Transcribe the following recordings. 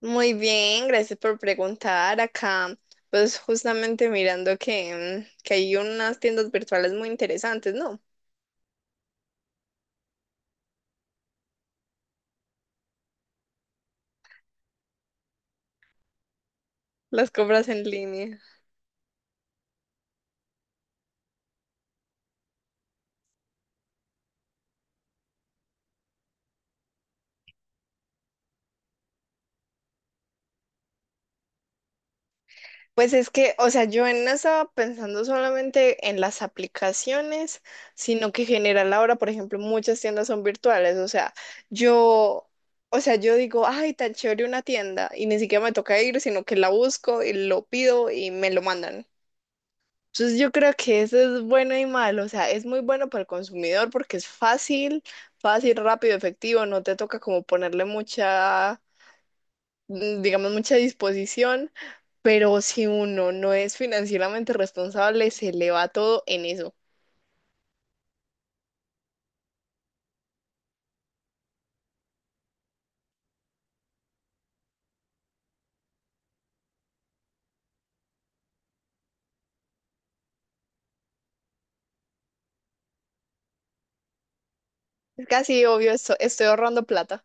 Muy bien, gracias por preguntar. Acá, pues justamente mirando que hay unas tiendas virtuales muy interesantes, ¿no? Las compras en línea. Pues es que, o sea, yo no estaba pensando solamente en las aplicaciones, sino que en general ahora, por ejemplo, muchas tiendas son virtuales. O sea, yo, yo digo, ay, tan chévere una tienda, y ni siquiera me toca ir, sino que la busco y lo pido y me lo mandan. Entonces yo creo que eso es bueno y malo, o sea, es muy bueno para el consumidor porque es fácil, fácil, rápido, efectivo, no te toca como ponerle digamos, mucha disposición, pero si uno no es financieramente responsable, se le va todo en eso. Es casi obvio, estoy ahorrando plata,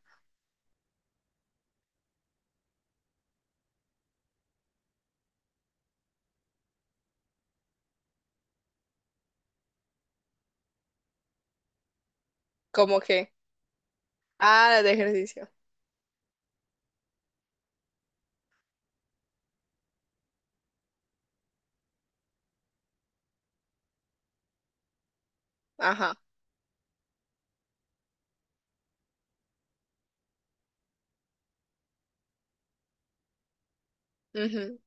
como que, ah, de ejercicio, ajá. Ujú.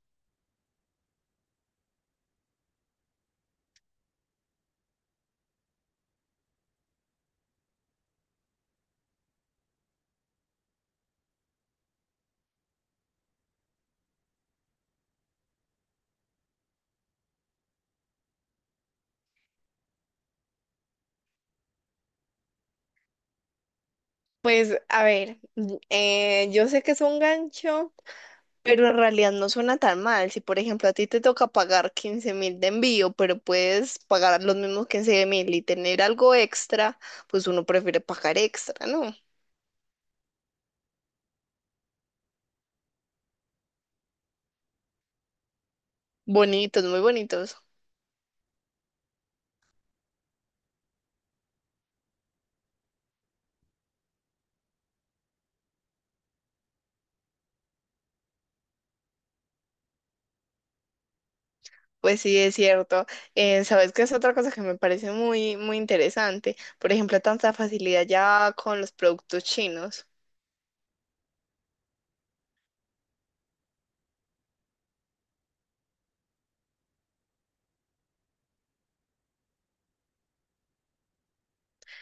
Pues a ver, yo sé que es un gancho, pero en realidad no suena tan mal. Si, por ejemplo, a ti te toca pagar 15.000 de envío, pero puedes pagar los mismos 15.000 y tener algo extra, pues uno prefiere pagar extra, ¿no? Bonitos, muy bonitos. Pues sí, es cierto. ¿Sabes qué es otra cosa que me parece muy, muy interesante? Por ejemplo, tanta facilidad ya con los productos chinos.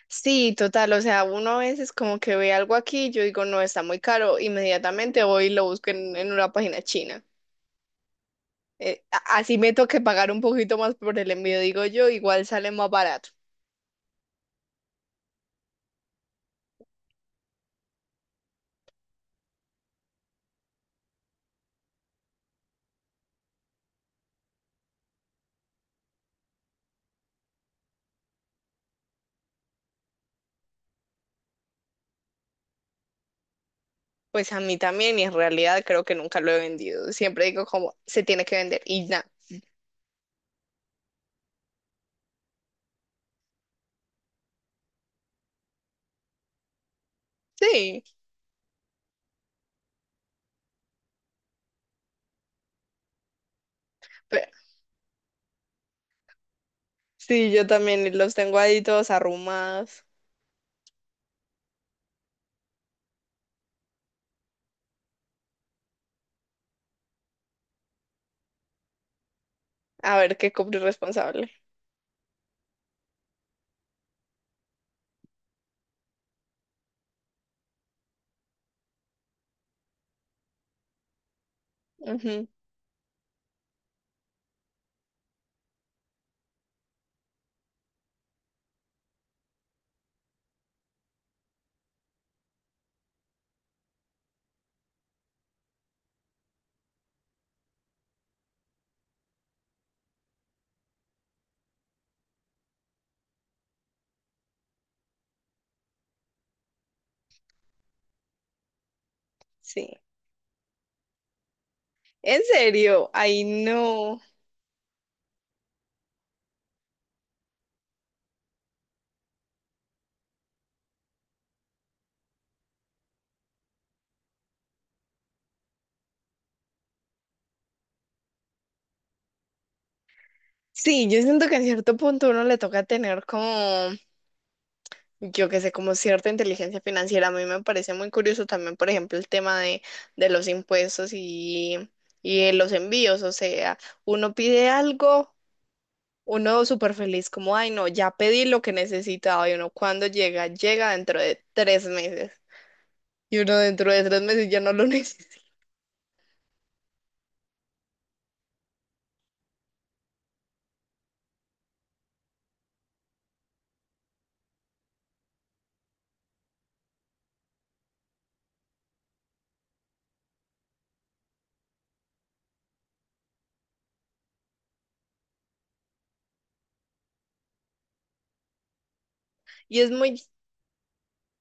Sí, total, o sea, uno a veces como que ve algo aquí, yo digo, no, está muy caro, inmediatamente voy y lo busco en una página china. Así me toque pagar un poquito más por el envío, digo yo, igual sale más barato. Pues a mí también, y en realidad creo que nunca lo he vendido. Siempre digo como se tiene que vender y ya. Sí, pero sí, yo también y los tengo ahí todos arrumados. A ver qué compro irresponsable. Ujú. Sí. En serio, ay no. Sí, yo siento que en cierto punto uno le toca tener como, yo qué sé, como cierta inteligencia financiera. A mí me parece muy curioso también, por ejemplo, el tema de los impuestos y de los envíos. O sea, uno pide algo, uno súper feliz, como, ay no, ya pedí lo que necesitaba. Y uno cuando llega, llega dentro de 3 meses. Y uno dentro de 3 meses ya no lo necesita. Y es muy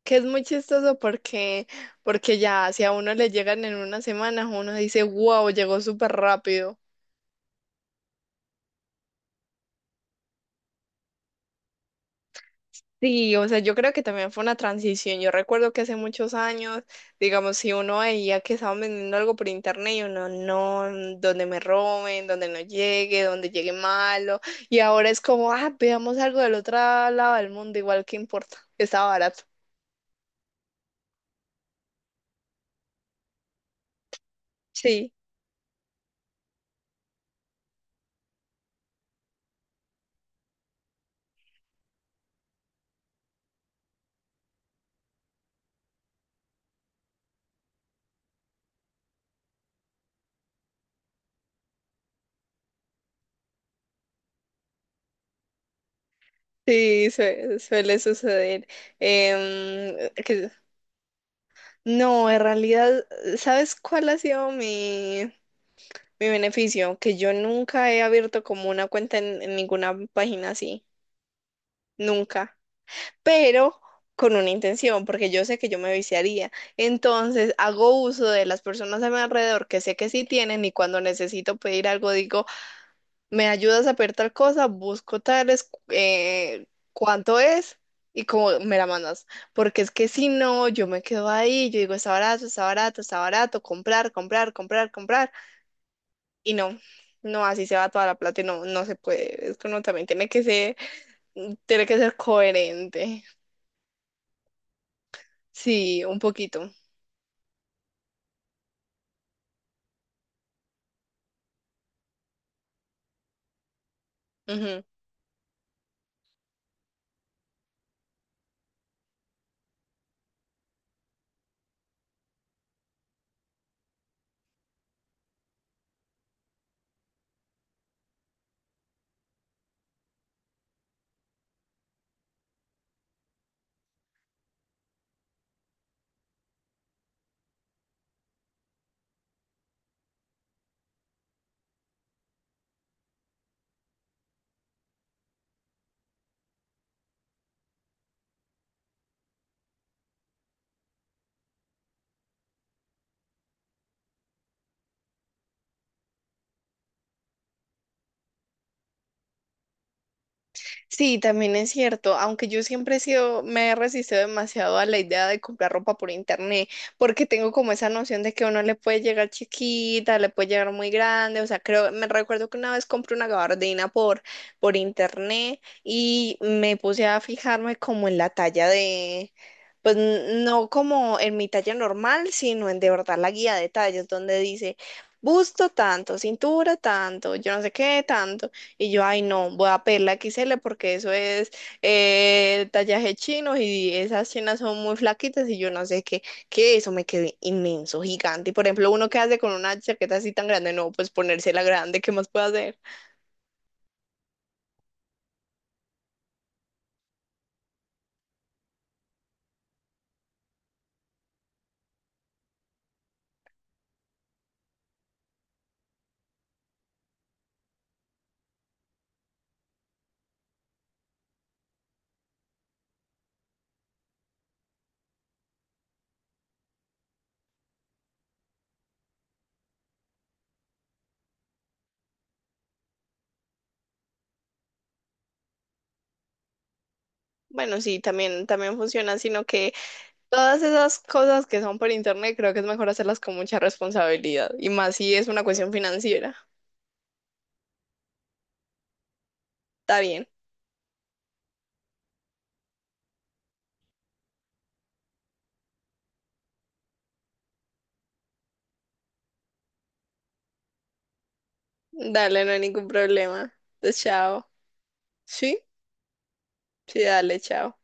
que es muy chistoso porque, porque ya si a uno le llegan en 1 semana, uno dice, wow, llegó súper rápido. Sí, o sea, yo creo que también fue una transición. Yo recuerdo que hace muchos años, digamos, si uno veía que estaban vendiendo algo por internet y uno, no, donde me roben, donde no llegue, donde llegue malo. Y ahora es como, ah, veamos algo del otro lado del mundo, igual que importa, está barato. Sí, sí, suele suceder. Em, que No, en realidad, ¿sabes cuál ha sido mi, mi beneficio? Que yo nunca he abierto como una cuenta en ninguna página así, nunca, pero con una intención, porque yo sé que yo me viciaría. Entonces, hago uso de las personas a mi alrededor que sé que sí tienen y cuando necesito pedir algo digo me ayudas a pedir tal cosa, busco tales, cuánto es y como me la mandas. Porque es que si no, yo me quedo ahí, yo digo, está barato, está barato, está barato, comprar, comprar, comprar, comprar. Y no, no, así se va toda la plata y no, no se puede. Es que uno también tiene que ser coherente. Sí, un poquito. Ujú. Sí, también es cierto, aunque yo siempre he sido, me he resistido demasiado a la idea de comprar ropa por internet, porque tengo como esa noción de que uno le puede llegar chiquita, le puede llegar muy grande, o sea, creo, me recuerdo que una vez compré una gabardina por internet y me puse a fijarme como en la talla de, no como en mi talla normal, sino en de verdad la guía de tallas, donde dice busto tanto, cintura tanto, yo no sé qué tanto. Y yo, ay, no, voy a pedir la XL porque eso es tallaje chino y esas chinas son muy flaquitas y yo no sé qué, que eso me quedé inmenso, gigante. Y por ejemplo, uno que hace con una chaqueta así tan grande, no, pues ponérsela grande, ¿qué más puedo hacer? Bueno, sí, también, también funciona, sino que todas esas cosas que son por internet creo que es mejor hacerlas con mucha responsabilidad y más si es una cuestión financiera. Está bien, dale, no hay ningún problema. Entonces, chao. Sí, sí, dale, chao.